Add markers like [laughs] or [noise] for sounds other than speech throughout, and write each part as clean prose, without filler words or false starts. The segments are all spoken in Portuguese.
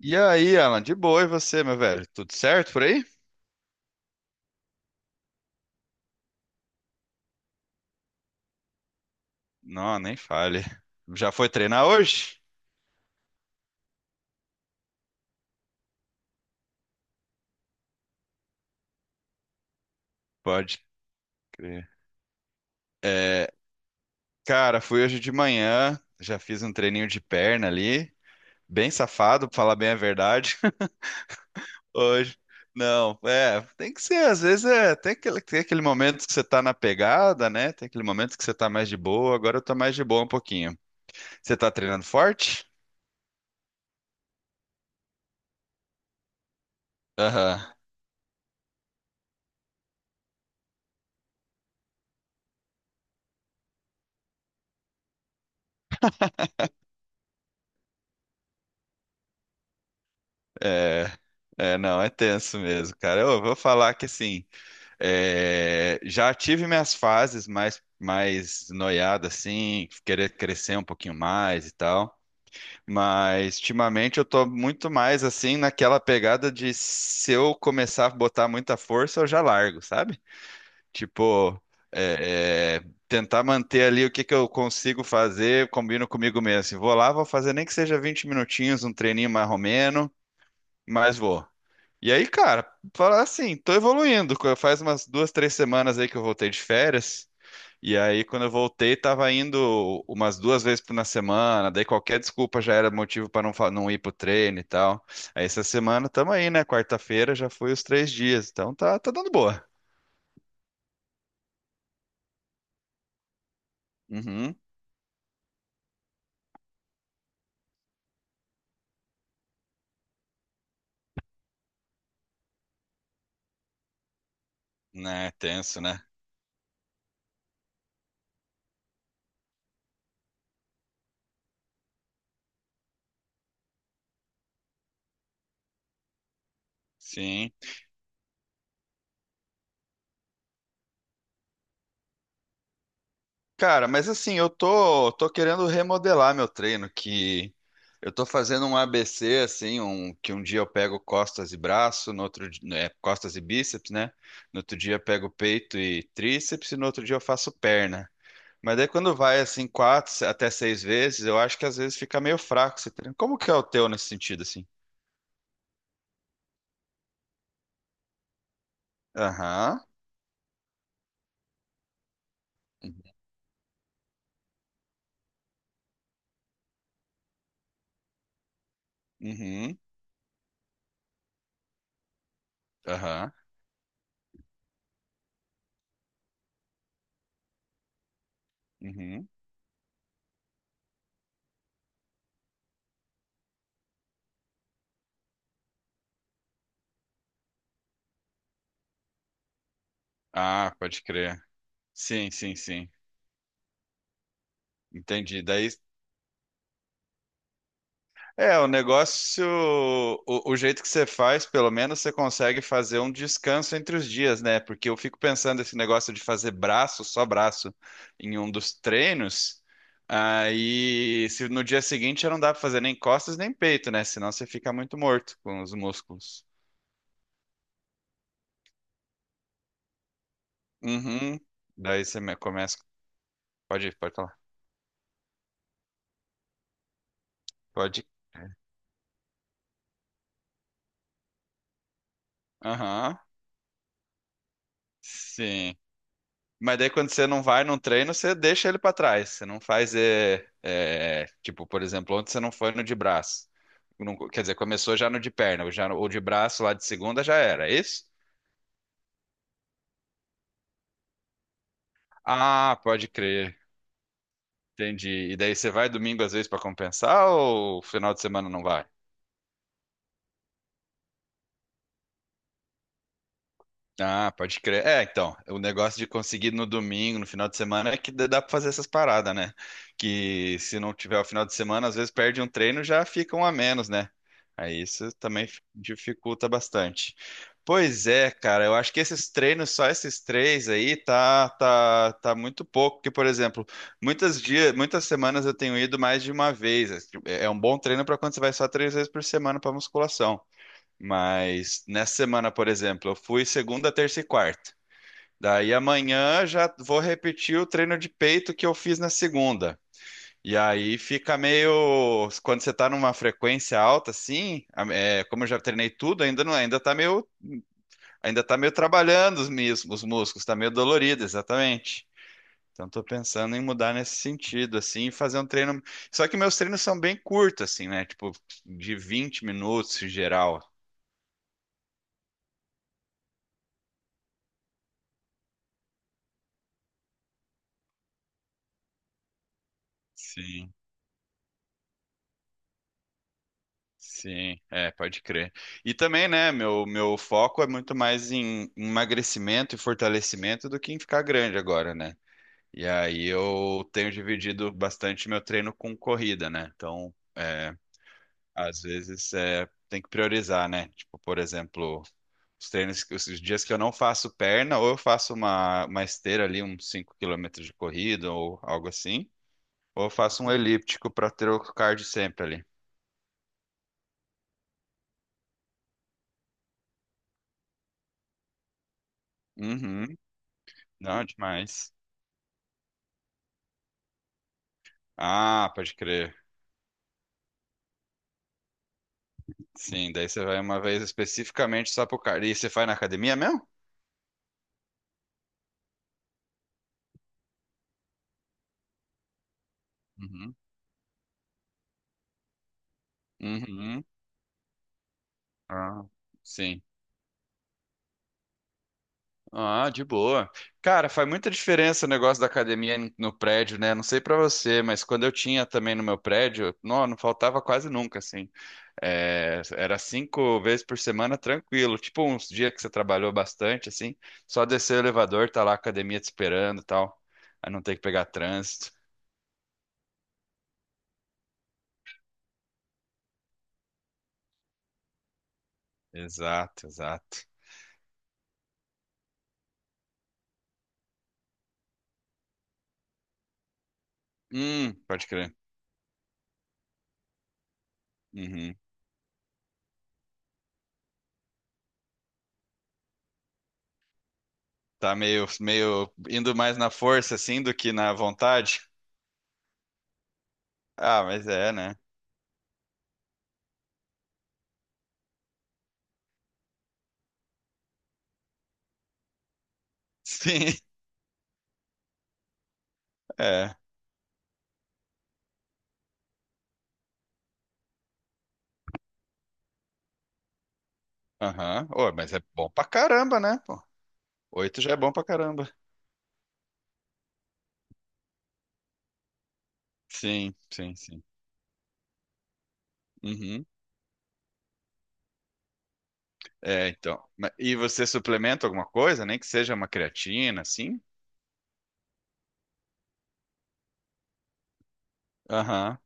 E aí, Alan, de boa, e você, meu velho? Tudo certo por aí? Não, nem fale. Já foi treinar hoje? Pode crer. É, cara, fui hoje de manhã, já fiz um treininho de perna ali, bem safado, pra falar bem a verdade. [laughs] Hoje. Não, é, tem que ser, às vezes é, tem aquele momento que você tá na pegada, né? Tem aquele momento que você tá mais de boa, agora eu tô mais de boa um pouquinho. Você tá treinando forte? Aham. É, não, é tenso mesmo, cara. Eu vou falar que assim. É, já tive minhas fases mais, mais noiada, assim, querer crescer um pouquinho mais e tal. Mas ultimamente eu tô muito mais assim naquela pegada de se eu começar a botar muita força, eu já largo, sabe? Tipo, tentar manter ali o que que eu consigo fazer, combino comigo mesmo. Assim, vou lá, vou fazer nem que seja 20 minutinhos, um treininho mais romeno, mas vou. E aí, cara, falar assim, tô evoluindo. Faz umas duas, três semanas aí que eu voltei de férias. E aí, quando eu voltei, tava indo umas duas na semana. Daí qualquer desculpa já era motivo pra não, não ir pro treino e tal. Aí essa semana tamo aí, né? Quarta-feira já foi os três dias. Então tá, tá dando boa. Uhum. Né, tenso, né? Sim. Cara, mas assim, tô querendo remodelar meu treino, que eu tô fazendo um ABC, assim, um, que um dia eu pego costas e braço, no outro, né, costas e bíceps, né? No outro dia eu pego peito e tríceps, e no outro dia eu faço perna. Mas daí quando vai, assim, quatro até seis vezes, eu acho que às vezes fica meio fraco esse treino. Como que é o teu nesse sentido, assim? Aham, uhum, uhum, aham, uhum. Ah, pode crer. Sim, sim, sim. Entendi. Daí é, o negócio, o jeito que você faz, pelo menos você consegue fazer um descanso entre os dias, né? Porque eu fico pensando esse negócio de fazer braço, só braço, em um dos treinos, aí se no dia seguinte já não dá pra fazer nem costas nem peito, né? Senão você fica muito morto com os músculos. Uhum. Daí você começa. Pode ir, pode falar. Pode ir. Aham. Sim. Mas daí quando você não vai num treino, você deixa ele para trás. Você não faz, tipo, por exemplo, ontem você não foi no de braço. Não, quer dizer, começou já no de perna, ou já ou de braço lá de segunda já era, é isso? Ah, pode crer. Entendi. E daí você vai domingo às vezes para compensar ou final de semana não vai? Ah, pode crer. É, então, o negócio de conseguir no domingo, no final de semana, é que dá pra fazer essas paradas, né? Que se não tiver o final de semana, às vezes perde um treino, já fica um a menos, né? Aí isso também dificulta bastante. Pois é, cara, eu acho que esses treinos, só esses três aí, tá muito pouco. Porque, por exemplo, muitas dias, muitas semanas eu tenho ido mais de uma vez. É tipo, é um bom treino para quando você vai só três vezes por semana para musculação. Mas nessa semana, por exemplo, eu fui segunda, terça e quarta. Daí amanhã já vou repetir o treino de peito que eu fiz na segunda. E aí fica meio. Quando você tá numa frequência alta, assim, é, como eu já treinei tudo, ainda não, ainda tá meio trabalhando os, os músculos, tá meio dolorido, exatamente. Então tô pensando em mudar nesse sentido, assim, e fazer um treino. Só que meus treinos são bem curtos, assim, né? Tipo, de 20 minutos em geral. Sim. Sim, é, pode crer. E também, né, meu foco é muito mais em emagrecimento e fortalecimento do que em ficar grande agora, né? E aí eu tenho dividido bastante meu treino com corrida, né? Então, é, às vezes é, tem que priorizar, né? Tipo, por exemplo, os treinos, os dias que eu não faço perna, ou eu faço uma esteira ali, uns 5 quilômetros de corrida ou algo assim, ou eu faço um elíptico para ter o cardio sempre ali. Uhum, não, demais. Ah, pode crer. Sim, daí você vai uma vez especificamente só pro cardio. E você faz na academia mesmo? Uhum. Uhum. Ah, sim. Ah, de boa. Cara, faz muita diferença o negócio da academia no prédio, né? Não sei pra você, mas quando eu tinha também no meu prédio, não, não faltava quase nunca, assim. É, era cinco vezes por semana tranquilo. Tipo, uns dias que você trabalhou bastante, assim, só descer o elevador, tá lá a academia te esperando e tal. Aí não tem que pegar trânsito. Exato, exato. Pode crer. Uhum. Tá meio, meio indo mais na força, assim, do que na vontade. Ah, mas é, né? Sim, [laughs] é. Aham. Ô, mas é bom pra caramba, né? Pô, oito já é bom pra caramba. Sim, sim, sim. Uhum. É, então. E você suplementa alguma coisa, nem que seja uma creatina, assim? Aham.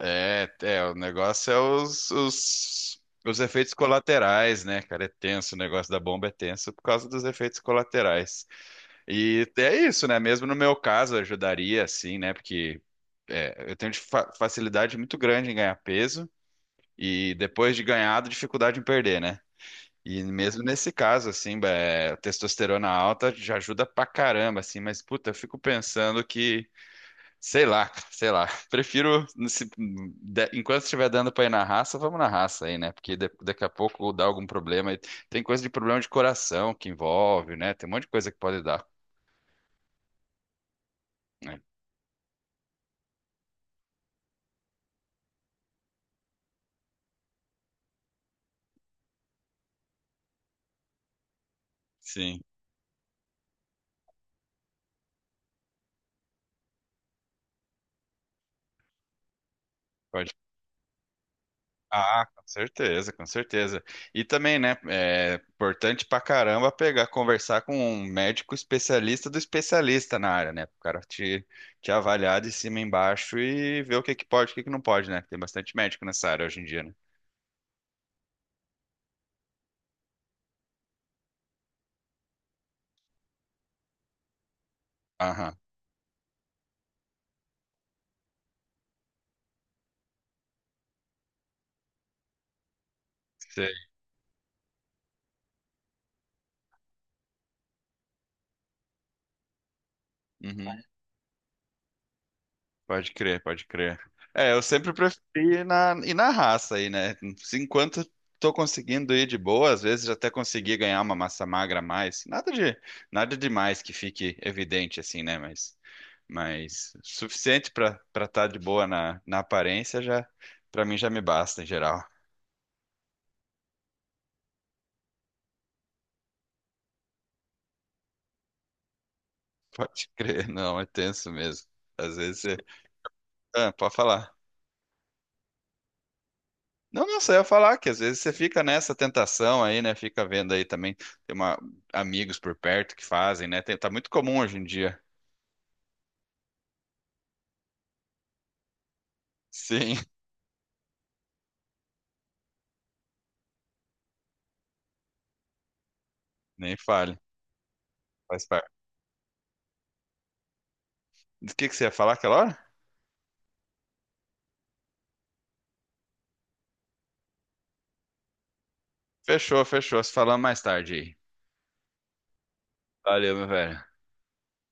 O negócio é os, os efeitos colaterais, né, cara? É tenso, o negócio da bomba é tenso por causa dos efeitos colaterais. E é isso, né? Mesmo no meu caso, ajudaria, assim, né? Porque eu tenho de facilidade muito grande em ganhar peso e depois de ganhado, dificuldade em perder, né? E mesmo nesse caso, assim, é, testosterona alta já ajuda pra caramba, assim, mas puta, eu fico pensando que, sei lá, cara, sei lá, [laughs] prefiro, enquanto estiver dando pra ir na raça, vamos na raça aí, né? Porque daqui a pouco dá algum problema. E tem coisa de problema de coração que envolve, né? Tem um monte de coisa que pode dar, né? Sim. Pode. Ah, com certeza, com certeza. E também, né, é importante pra caramba pegar, conversar com um médico especialista do especialista na área, né? O cara te avaliar de cima e embaixo e ver o que que pode, o que que não pode, né? Tem bastante médico nessa área hoje em dia, né? Aham, sei. Uhum, pode crer, pode crer. É, eu sempre preferi ir na raça aí, né? Se Enquanto tô conseguindo ir de boa, às vezes até consegui ganhar uma massa magra a mais. Nada de, nada demais que fique evidente assim, né? Mas suficiente pra para estar de boa na, na aparência já para mim já me basta em geral. [laughs] Pode crer, não, é tenso mesmo. Às vezes você, ah, pode falar. Não, não, só ia falar que às vezes você fica nessa tentação aí, né? Fica vendo aí também tem uma amigos por perto que fazem, né? Tá muito comum hoje em dia. [laughs] Sim, nem fale. Faz parte. Do que você ia falar aquela hora? Fechou, fechou. Se falamos mais tarde aí. Valeu, meu velho.